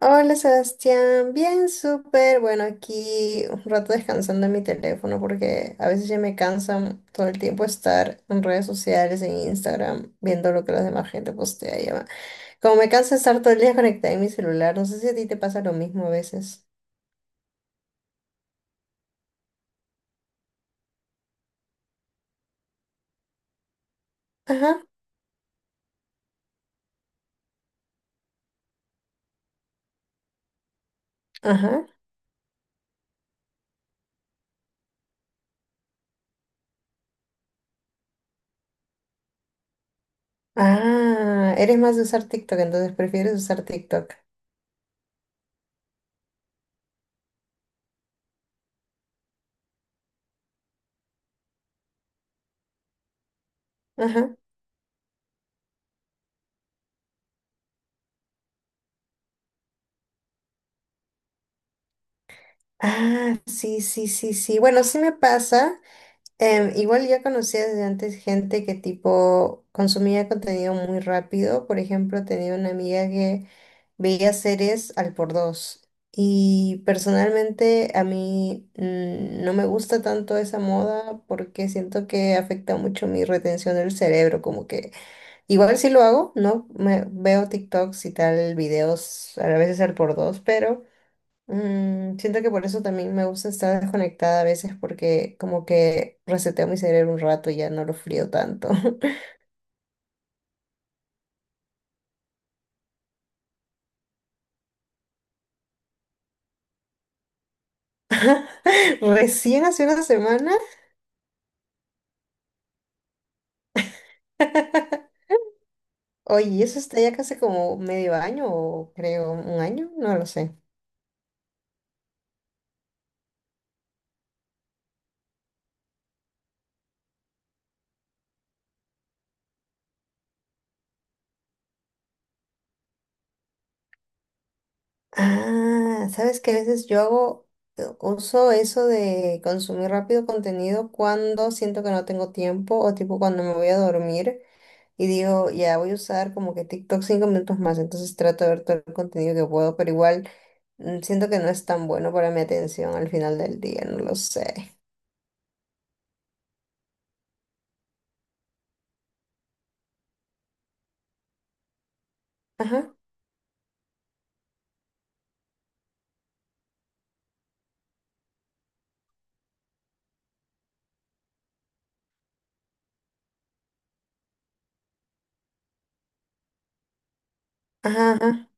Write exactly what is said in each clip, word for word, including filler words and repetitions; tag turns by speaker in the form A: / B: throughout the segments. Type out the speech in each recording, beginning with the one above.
A: Hola Sebastián, bien, súper. Bueno, aquí un rato descansando en mi teléfono porque a veces ya me cansan todo el tiempo estar en redes sociales, en Instagram, viendo lo que la demás gente postea. y Ya Como me cansa estar todo el día conectada en mi celular, no sé si a ti te pasa lo mismo a veces. Ajá, ajá. Ah, eres más de usar TikTok, entonces prefieres usar TikTok. Ajá. Ah, sí, sí, sí, sí. Bueno, sí me pasa. Em, igual ya conocía desde antes gente que tipo consumía contenido muy rápido. Por ejemplo, tenía una amiga que veía series al por dos. Y personalmente a mí mm, no me gusta tanto esa moda porque siento que afecta mucho mi retención del cerebro. Como que igual sí lo hago, ¿no? Me, veo TikToks y tal, videos a veces al por dos, pero... Mm, siento que por eso también me gusta estar desconectada a veces porque como que reseteo mi cerebro un rato y ya no lo frío tanto. Recién hace una semana. Oye, eso está ya casi como medio año o creo un año, no lo sé. Ah, sabes que a veces yo hago, eh, uso eso de consumir rápido contenido cuando siento que no tengo tiempo o tipo cuando me voy a dormir. Y digo, ya voy a usar como que TikTok cinco minutos más, entonces trato de ver todo el contenido que puedo, pero igual mm, siento que no es tan bueno para mi atención al final del día, no lo sé. Ajá, ajá, ajá.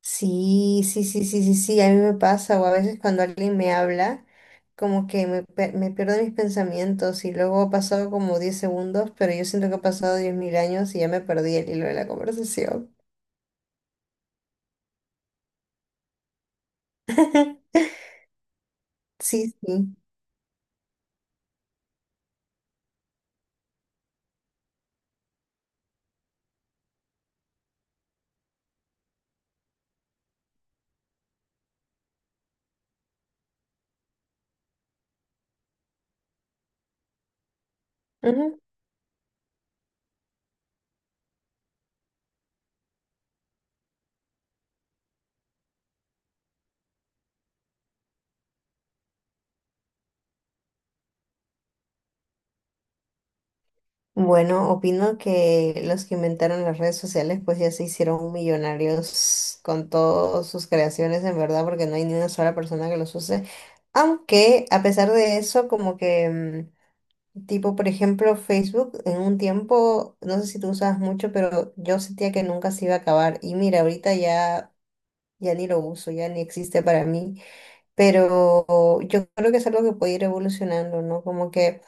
A: Sí, sí, sí, sí, sí, sí, a mí me pasa, o a veces cuando alguien me habla, como que me, pe- me pierdo mis pensamientos y luego ha pasado como diez segundos, pero yo siento que ha pasado diez mil años y ya me perdí el hilo de la conversación. Sí, sí. Bueno, opino que los que inventaron las redes sociales pues ya se hicieron millonarios con todas sus creaciones en verdad porque no hay ni una sola persona que los use. Aunque a pesar de eso como que mm, tipo por ejemplo Facebook en un tiempo no sé si tú usabas mucho, pero yo sentía que nunca se iba a acabar y mira ahorita ya ya ni lo uso, ya ni existe para mí, pero yo creo que es algo que puede ir evolucionando, ¿no? Como que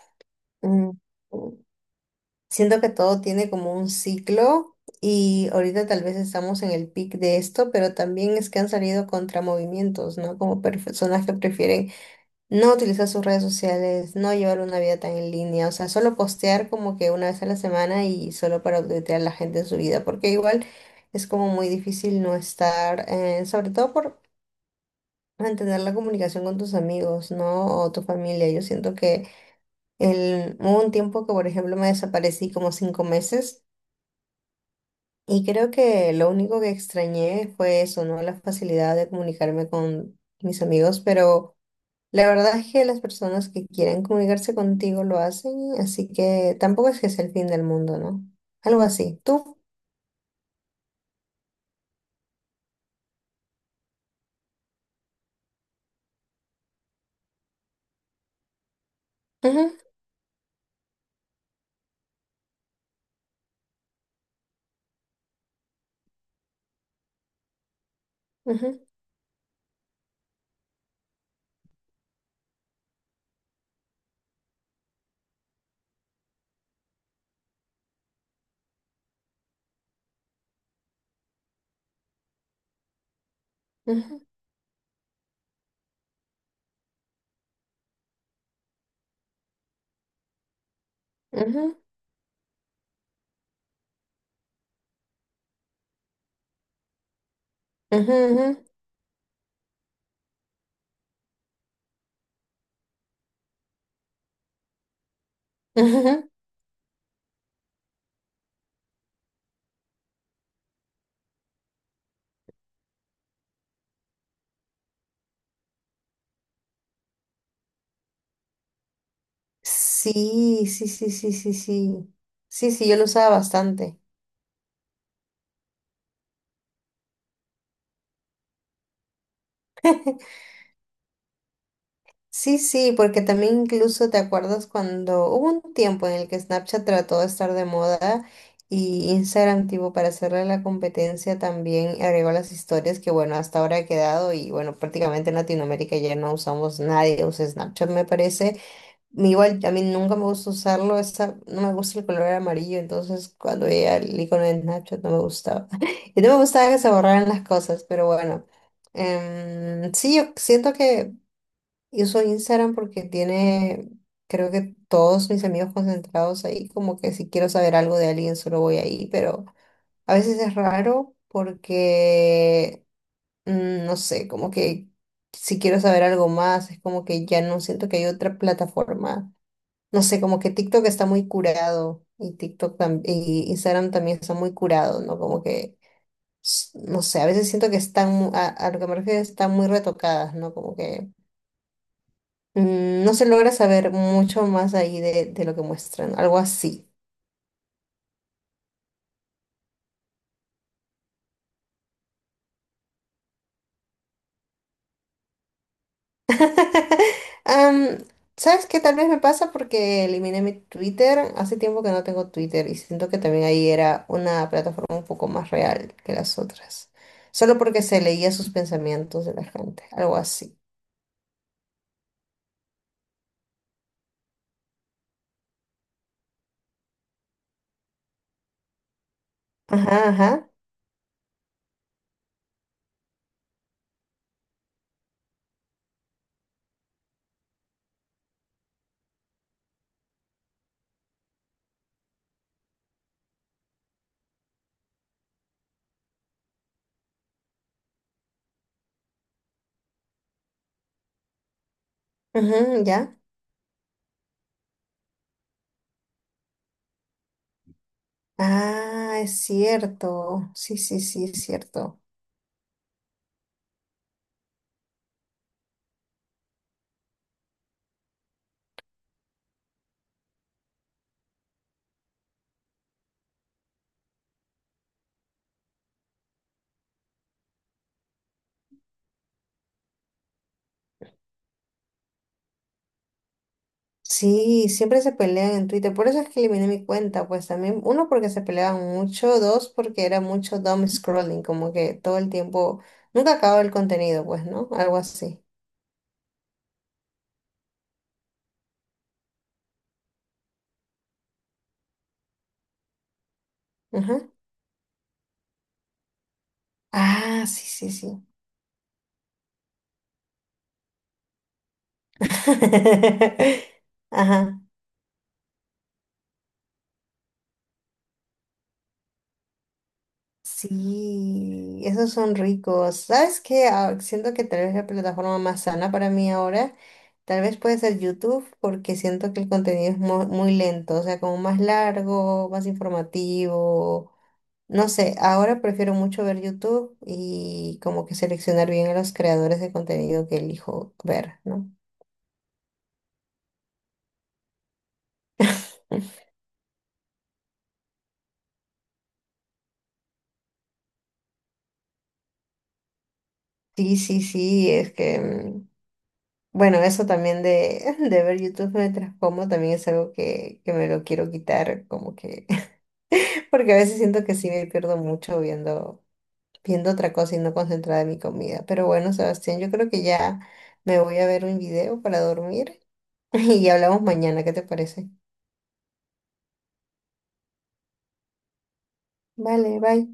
A: mm, Siento que todo tiene como un ciclo y ahorita tal vez estamos en el pic de esto, pero también es que han salido contramovimientos, ¿no? Como perf- personas que prefieren no utilizar sus redes sociales, no llevar una vida tan en línea, o sea, solo postear como que una vez a la semana y solo para updatear a la gente en su vida, porque igual es como muy difícil no estar, eh, sobre todo por mantener la comunicación con tus amigos, ¿no? O tu familia. Yo siento que el, hubo un tiempo que, por ejemplo, me desaparecí como cinco meses. Y creo que lo único que extrañé fue eso, ¿no? La facilidad de comunicarme con mis amigos, pero la verdad es que las personas que quieren comunicarse contigo lo hacen, así que tampoco es que sea el fin del mundo, ¿no? Algo así. ¿Tú? Ujú, ujú, ujú, ujú, ujú, ujú, ujú. Sí, sí, sí, sí, sí, sí. Sí, sí, yo lo usaba bastante. Sí, sí, porque también incluso te acuerdas cuando hubo un tiempo en el que Snapchat trató de estar de moda y Instagram, tipo, para hacerle la competencia también agregó las historias que, bueno, hasta ahora ha quedado y, bueno, prácticamente en Latinoamérica ya no usamos, nadie usa Snapchat, me parece. Igual, a mí nunca me gusta usarlo, esa, no me gusta el color amarillo, entonces cuando veía el icono de Snapchat no me gustaba. Y no me gustaba que se borraran las cosas, pero bueno. Em, sí, yo siento que yo uso Instagram porque tiene, creo que todos mis amigos concentrados ahí, como que si quiero saber algo de alguien solo voy ahí, pero a veces es raro porque, mm, no sé, como que si quiero saber algo más, es como que ya no siento que hay otra plataforma. No sé, como que TikTok está muy curado y TikTok tam- y Instagram también está muy curado, ¿no? Como que, s- no sé, a veces siento que están, mu- a, a lo que me refiero, están muy retocadas, ¿no? Como que... Mm, No se logra saber mucho más ahí de, de lo que muestran, algo así. Am, ¿sabes qué? Tal vez me pasa porque eliminé mi Twitter. Hace tiempo que no tengo Twitter y siento que también ahí era una plataforma un poco más real que las otras. Solo porque se leía sus pensamientos de la gente, algo así. Ajá, ajá. Ujú, ya. Ah, es cierto. Sí, sí, sí, es cierto. Sí, siempre se pelean en Twitter. Por eso es que eliminé mi cuenta, pues también, uno, porque se peleaban mucho, dos, porque era mucho dumb scrolling, como que todo el tiempo, nunca acababa el contenido, pues, ¿no? Algo así. Ajá. Ah, sí, sí, sí. Ajá. Sí, esos son ricos. ¿Sabes qué? Ah, siento que tal vez la plataforma más sana para mí ahora, tal vez puede ser YouTube, porque siento que el contenido es mu- muy lento, o sea, como más largo, más informativo. No sé, ahora prefiero mucho ver YouTube y como que seleccionar bien a los creadores de contenido que elijo ver, ¿no? Sí, sí, sí, es que, mm, bueno, eso también de, de ver YouTube mientras como también es algo que, que me lo quiero quitar, como que, porque a veces siento que sí me pierdo mucho viendo, viendo otra cosa y no concentrada en mi comida. Pero bueno, Sebastián, yo creo que ya me voy a ver un video para dormir y hablamos mañana, ¿qué te parece? Vale, bye.